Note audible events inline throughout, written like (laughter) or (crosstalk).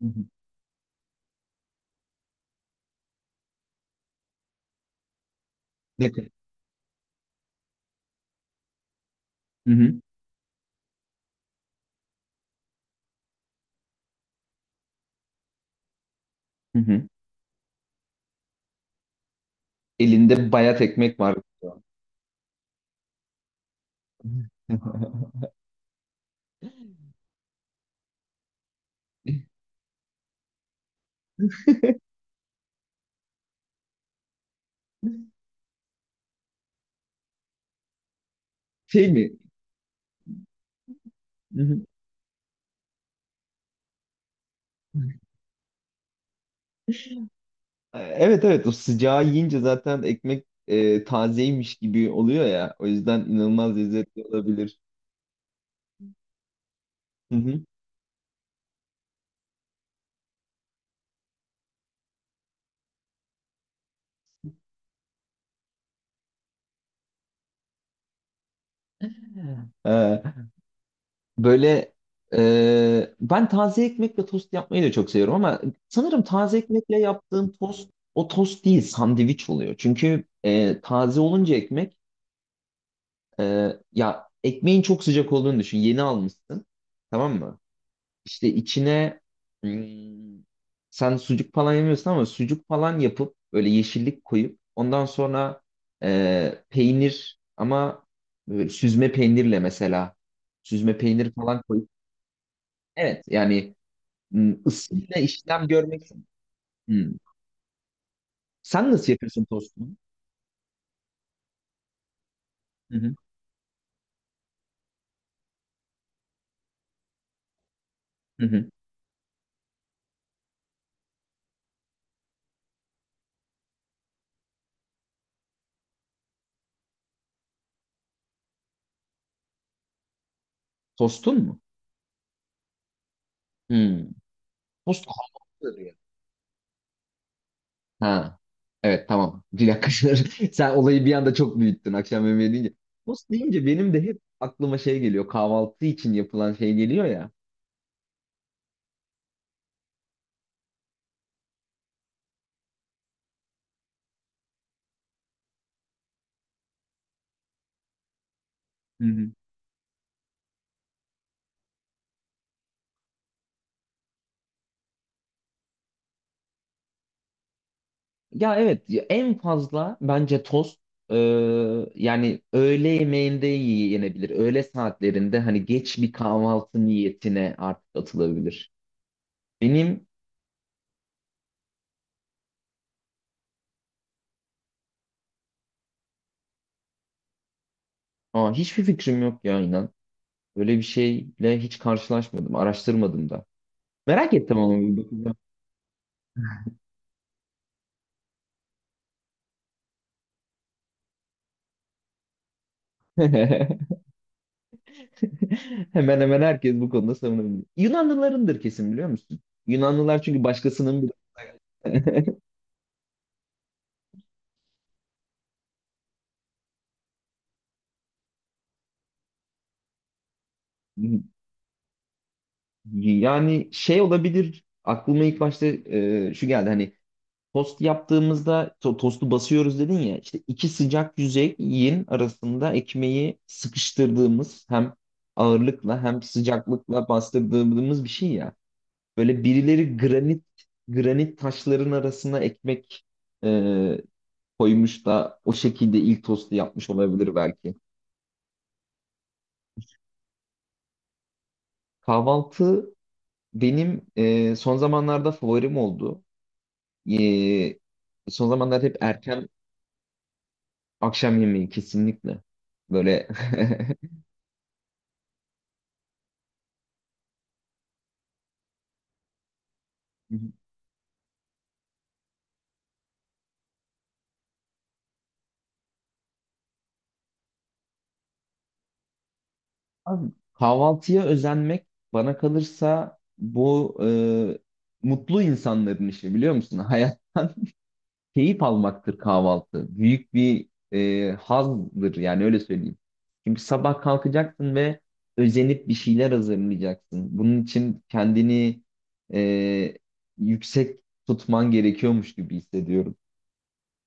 Hı hı. Ne? Hı hı. Hı hı. Elinde bayat ekmek var. (laughs) Şey mi? Hı hı. Evet, evet, o sıcağı yiyince zaten ekmek tazeymiş gibi oluyor ya. O yüzden inanılmaz lezzetli olabilir. Hı hı. Ee, Böyle, ben taze ekmekle tost yapmayı da çok seviyorum ama sanırım taze ekmekle yaptığım tost o tost değil, sandviç oluyor. Çünkü taze olunca ekmek. Ya, ekmeğin çok sıcak olduğunu düşün. Yeni almışsın. Tamam mı? İşte içine, hmm, sen sucuk falan yemiyorsun ama sucuk falan yapıp böyle yeşillik koyup ondan sonra peynir, ama böyle süzme peynirle mesela süzme peynir falan koyup, evet yani, ısıyla işlem görmek. Hmm. Sen nasıl yapıyorsun tostunu? Hı hı, hı hı. Tostun mu? Hmm. Tost hamurdur ya. Ha. Evet, tamam. Bir dakika. (laughs) Sen olayı bir anda çok büyüttün akşam yemeği deyince. Tost deyince benim de hep aklıma şey geliyor, kahvaltı için yapılan şey geliyor ya. Hı hı. Ya evet, ya en fazla bence tost e, yani öğle yemeğinde yenebilir. Öğle saatlerinde hani geç bir kahvaltı niyetine artık atılabilir. Benim, hiçbir fikrim yok ya, inan. Böyle bir şeyle hiç karşılaşmadım, araştırmadım da. Merak ettim ama bir bakacağım. (laughs) (laughs) Hemen hemen herkes bu konuda savunabilir. Yunanlılarındır kesin, biliyor musun? Yunanlılar çünkü başkasının bir. (laughs) Yani şey olabilir, aklıma ilk başta şu geldi hani tost yaptığımızda tostu basıyoruz dedin ya, işte iki sıcak yüzeyin arasında ekmeği sıkıştırdığımız, hem ağırlıkla hem sıcaklıkla bastırdığımız bir şey ya. Böyle birileri granit granit taşların arasına ekmek e, koymuş da o şekilde ilk tostu yapmış olabilir belki. Kahvaltı benim son zamanlarda favorim oldu. E, Son zamanlarda hep erken akşam yemeği kesinlikle. Böyle. (laughs) Abi, kahvaltıya özenmek bana kalırsa bu mutlu insanların işi, biliyor musun? (laughs) Hayat keyif almaktır, kahvaltı. Büyük bir hazdır yani, öyle söyleyeyim. Çünkü sabah kalkacaksın ve özenip bir şeyler hazırlayacaksın. Bunun için kendini e, yüksek tutman gerekiyormuş gibi hissediyorum.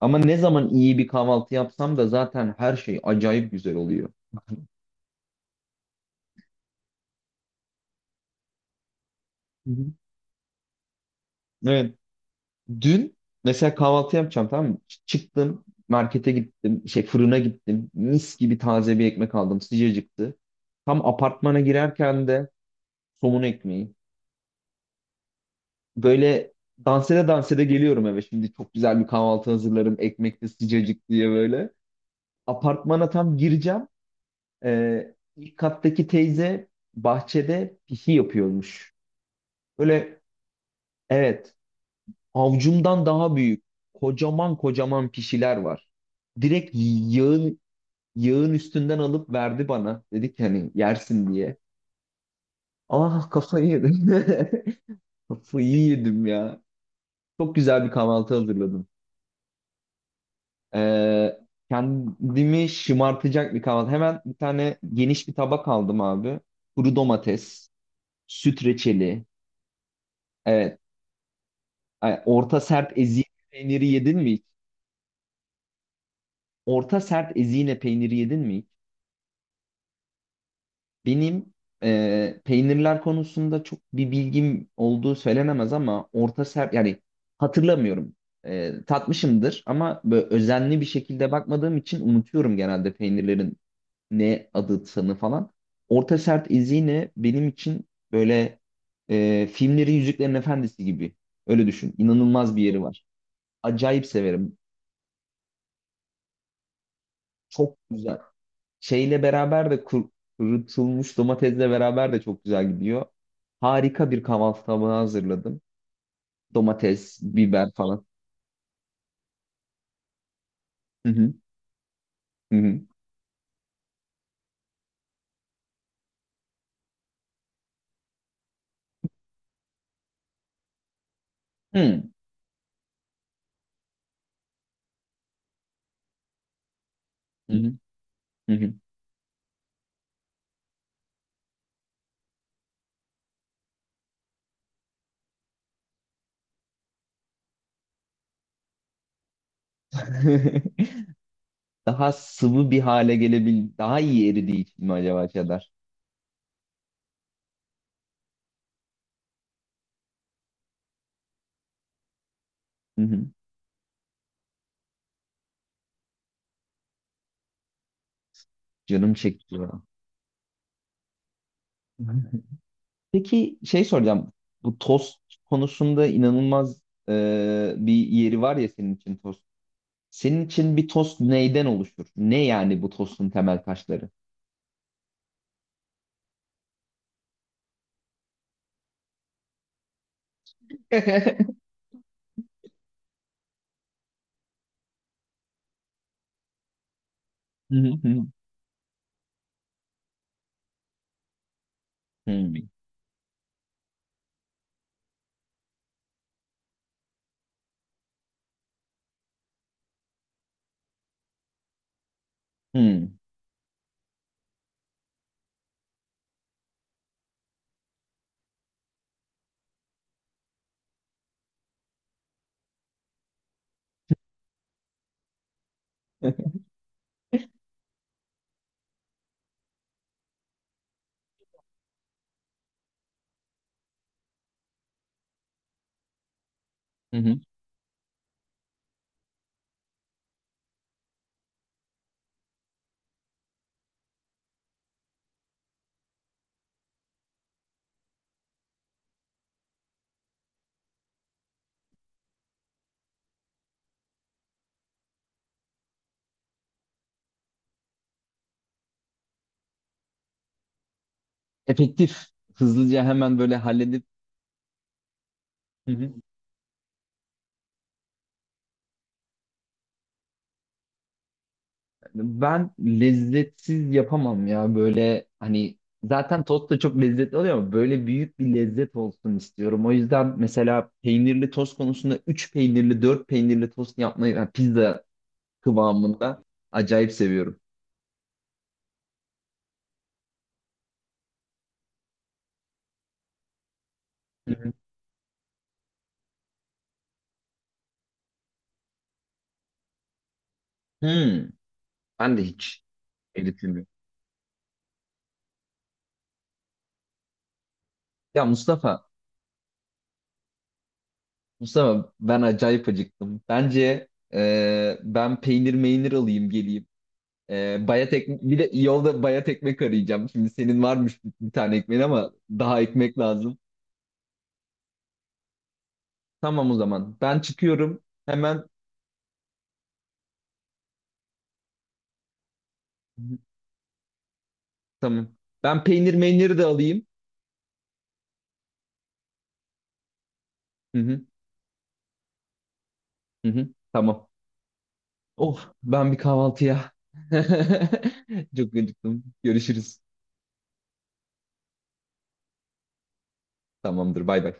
Ama ne zaman iyi bir kahvaltı yapsam da zaten her şey acayip güzel oluyor. Hı hı. Evet. Dün mesela kahvaltı yapacağım, tamam mı? Çıktım, markete gittim, şey, fırına gittim, mis gibi taze bir ekmek aldım, sıcacıktı. Tam apartmana girerken de somun ekmeği. Böyle dans ede dans ede geliyorum eve, şimdi çok güzel bir kahvaltı hazırlarım, ekmek de sıcacık diye böyle. Apartmana tam gireceğim, ilk kattaki teyze bahçede pisi yapıyormuş. Böyle, evet, avcumdan daha büyük kocaman kocaman pişiler var, direkt yağın yağın üstünden alıp verdi bana. Dedi ki hani, yersin diye. Ah, kafayı yedim. (laughs) Kafayı yedim ya. Çok güzel bir kahvaltı hazırladım. Ee, Kendimi şımartacak bir kahvaltı. Hemen bir tane geniş bir tabak aldım abi. Kuru domates, süt reçeli. Evet. Ay, orta sert ezine peyniri yedin mi hiç? Orta sert ezine peyniri yedin mi hiç? Benim peynirler konusunda çok bir bilgim olduğu söylenemez ama orta serp yani, hatırlamıyorum. Tatmışımdır ama böyle özenli bir şekilde bakmadığım için unutuyorum genelde peynirlerin ne adı sanı falan. Orta serp izini benim için böyle filmlerin Yüzüklerin Efendisi gibi. Öyle düşün. İnanılmaz bir yeri var. Acayip severim. Çok güzel. Şeyle beraber de kurutulmuş domatesle beraber de çok güzel gidiyor. Harika bir kahvaltı tabağı hazırladım. Domates, biber falan. Hı hı. Hı hı. Hı hı. Hı hı. (laughs) Daha sıvı bir hale gelebil, daha iyi eridiği için mi acaba cheddar? Hı hı. Canım çekti ya. Hı hı. Peki, şey soracağım. Bu tost konusunda inanılmaz bir yeri var ya senin için tost. Senin için bir tost neyden oluşur? Ne yani bu tostun temel taşları? (laughs) Hı hı hı. Hı. Hı. Hı hı. Efektif, hızlıca hemen böyle halledip. Hı hı. Ben lezzetsiz yapamam ya böyle hani, zaten tost da çok lezzetli oluyor ama böyle büyük bir lezzet olsun istiyorum. O yüzden mesela peynirli tost konusunda 3 peynirli 4 peynirli tost yapmayı, yani pizza kıvamında acayip seviyorum. Hı hı. Hı. Ben de hiç eritilmiyor. Ya Mustafa, Mustafa, ben acayip acıktım. Bence ben peynir meynir alayım geleyim. Bayat ekmek, bir de yolda bayat ekmek arayacağım. Şimdi senin varmış bir tane ekmeğin ama daha ekmek lazım. Tamam o zaman. Ben çıkıyorum. Hemen. Hı hı, tamam. Ben peynir meyniri de alayım. Hı hı, hı hı, tamam. Of, ben bir kahvaltıya. (laughs) Çok acıktım. Görüşürüz. Tamamdır. Bay bay.